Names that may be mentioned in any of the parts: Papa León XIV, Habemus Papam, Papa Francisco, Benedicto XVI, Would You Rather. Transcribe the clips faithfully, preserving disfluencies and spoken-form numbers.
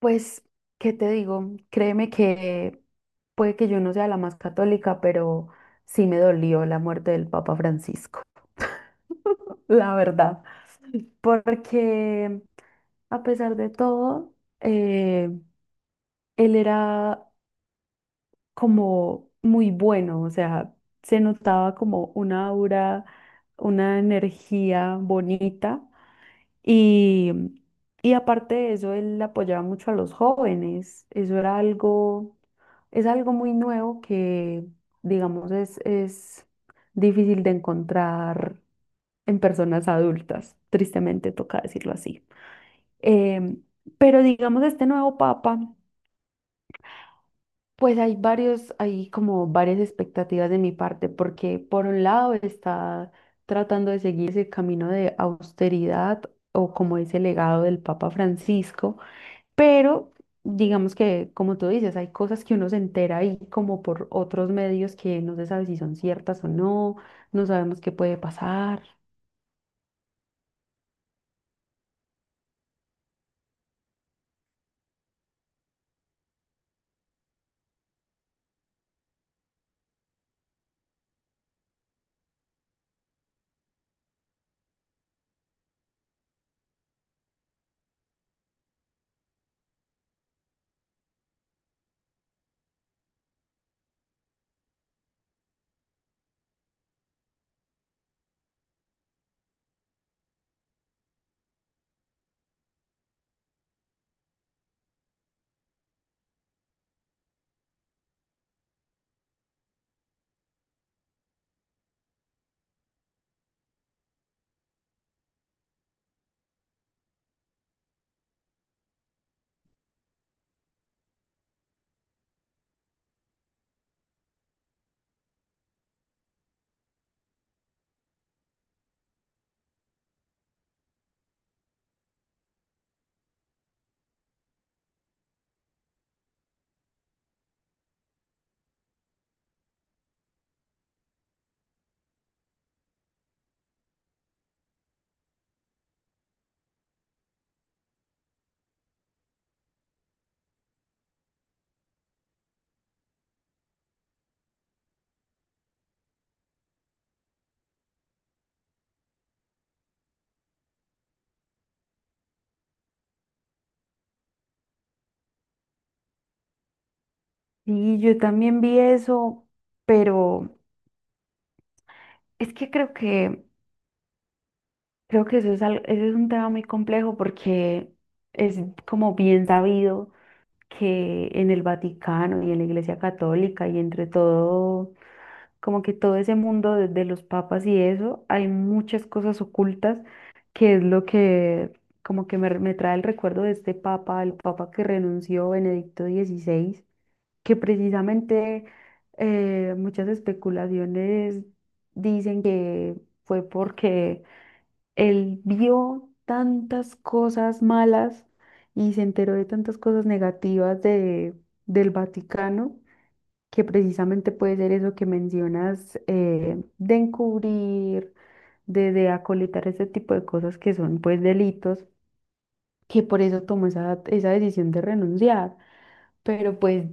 Pues, ¿qué te digo? Créeme que puede que yo no sea la más católica, pero sí me dolió la muerte del Papa Francisco, la verdad. Porque a pesar de todo, eh, él era como muy bueno, o sea, se notaba como una aura, una energía bonita. Y, y aparte de eso, él apoyaba mucho a los jóvenes. Eso era algo, es algo muy nuevo que, digamos, es, es difícil de encontrar en personas adultas. Tristemente toca decirlo así. Em, pero digamos, este nuevo papa, pues hay varios, hay como varias expectativas de mi parte, porque por un lado está tratando de seguir ese camino de austeridad o como ese legado del Papa Francisco. Pero digamos que, como tú dices, hay cosas que uno se entera ahí como por otros medios que no se sabe si son ciertas o no, no sabemos qué puede pasar. Y yo también vi eso, pero es que creo que creo que eso es al- eso es un tema muy complejo, porque es como bien sabido que en el Vaticano y en la Iglesia Católica y entre todo, como que todo ese mundo de, de los papas y eso, hay muchas cosas ocultas, que es lo que como que me, me trae el recuerdo de este papa, el papa que renunció, Benedicto decimosexto, que precisamente eh, muchas especulaciones dicen que fue porque él vio tantas cosas malas y se enteró de tantas cosas negativas de, del Vaticano, que precisamente puede ser eso que mencionas, eh, de encubrir, de, de acolitar ese tipo de cosas que son pues delitos, que por eso tomó esa, esa decisión de renunciar, pero pues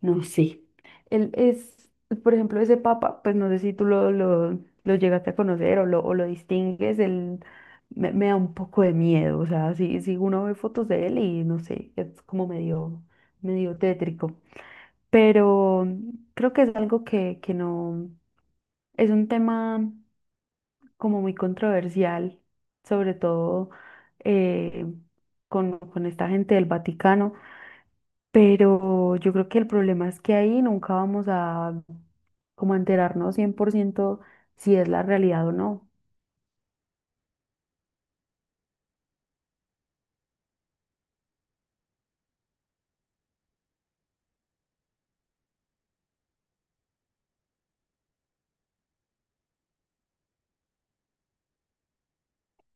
no sé, él es, por ejemplo, ese papa, pues no sé si tú lo, lo, lo llegaste a conocer o lo, o lo distingues, él me, me da un poco de miedo, o sea, si, si uno ve fotos de él y no sé, es como medio, medio tétrico, pero creo que es algo que, que no, es un tema como muy controversial, sobre todo eh, con, con esta gente del Vaticano, pero yo creo que el problema es que ahí nunca vamos a como a enterarnos cien por ciento si es la realidad o no.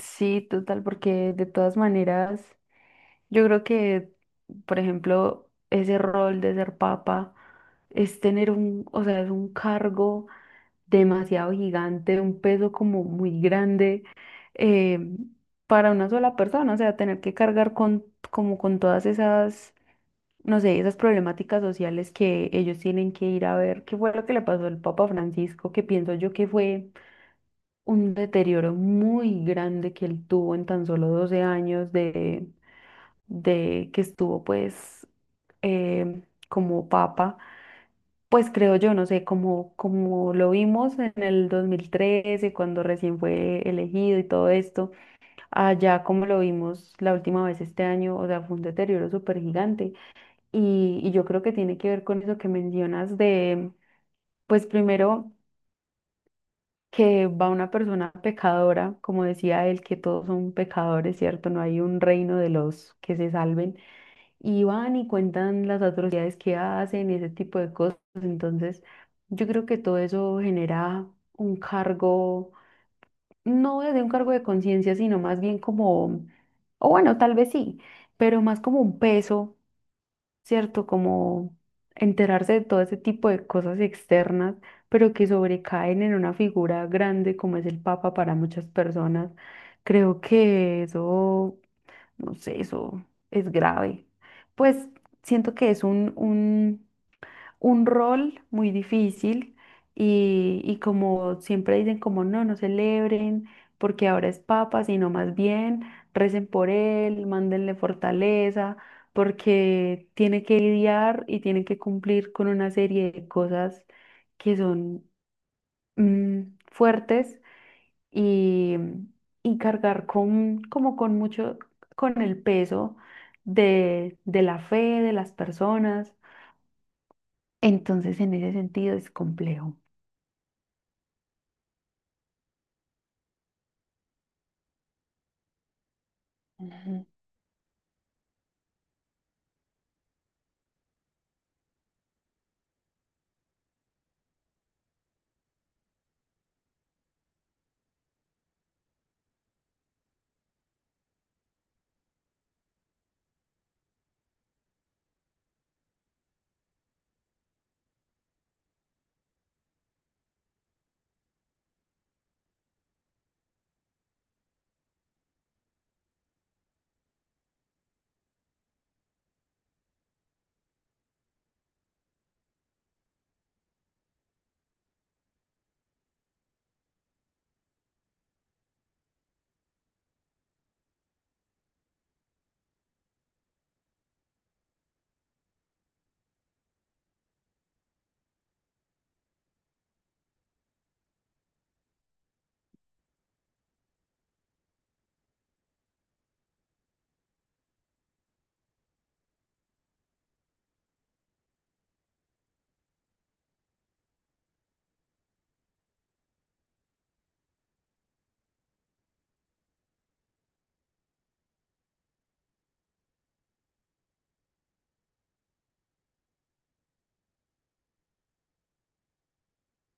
Sí, total, porque de todas maneras, yo creo que, por ejemplo, ese rol de ser papa es tener un, o sea, es un cargo demasiado gigante, un peso como muy grande, eh, para una sola persona, o sea, tener que cargar con, como con todas esas, no sé, esas problemáticas sociales que ellos tienen que ir a ver qué fue lo que le pasó al Papa Francisco, que pienso yo que fue un deterioro muy grande que él tuvo en tan solo doce años de, de que estuvo pues eh, como papa. Pues creo yo, no sé, como, como lo vimos en el dos mil trece, cuando recién fue elegido y todo esto, allá como lo vimos la última vez este año, o sea, fue un deterioro súper gigante. Y, y yo creo que tiene que ver con eso que mencionas de, pues primero, que va una persona pecadora, como decía él, que todos son pecadores, ¿cierto? No hay un reino de los que se salven, y van y cuentan las atrocidades que hacen y ese tipo de cosas. Entonces, yo creo que todo eso genera un cargo, no desde un cargo de conciencia, sino más bien como, o bueno, tal vez sí, pero más como un peso, ¿cierto? Como enterarse de todo ese tipo de cosas externas, pero que sobrecaen en una figura grande como es el Papa para muchas personas. Creo que eso, no sé, eso es grave. Pues siento que es un, un, un rol muy difícil y, y como siempre dicen, como no, no celebren porque ahora es papa, sino más bien recen por él, mándenle fortaleza, porque tiene que lidiar y tiene que cumplir con una serie de cosas que son mm, fuertes, y, y cargar con, como con mucho, con el peso de, de la fe de las personas. Entonces, en ese sentido es complejo. Ujú.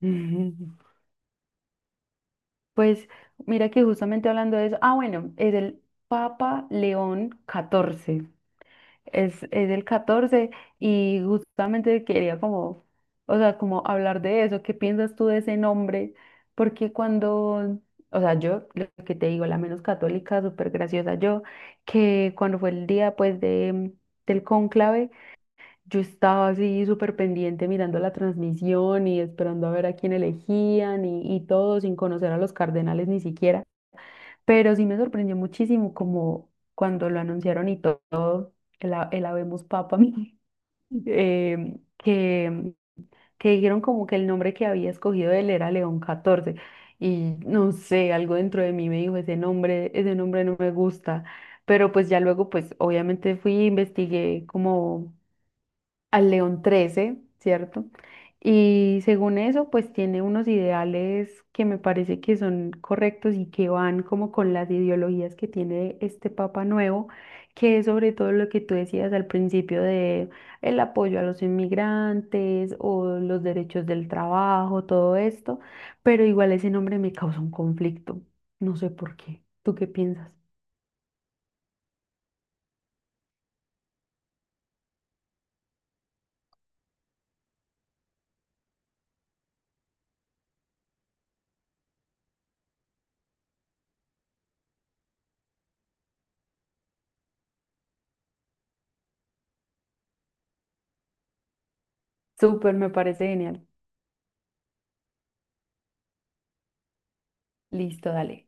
Ujú. Pues mira que justamente hablando de eso, ah, bueno, es el Papa León catorce, es, es el catorce, y justamente quería como, o sea, como hablar de eso, ¿qué piensas tú de ese nombre? Porque cuando, o sea, yo, lo que te digo, la menos católica, súper graciosa, yo, que cuando fue el día pues de, del cónclave, yo estaba así súper pendiente mirando la transmisión y esperando a ver a quién elegían y, y todo sin conocer a los cardenales ni siquiera. Pero sí me sorprendió muchísimo como cuando lo anunciaron y to- todo, el, ha- el Habemus Papam, eh, que, que dijeron como que el nombre que había escogido él era León catorce. Y no sé, algo dentro de mí me dijo, ese nombre, ese nombre no me gusta. Pero pues ya luego, pues obviamente fui, investigué como al León trece, ¿cierto? Y según eso, pues tiene unos ideales que me parece que son correctos y que van como con las ideologías que tiene este Papa nuevo, que es sobre todo lo que tú decías al principio de el apoyo a los inmigrantes o los derechos del trabajo, todo esto, pero igual ese nombre me causa un conflicto, no sé por qué. ¿Tú qué piensas? Súper, me parece genial. Listo, dale.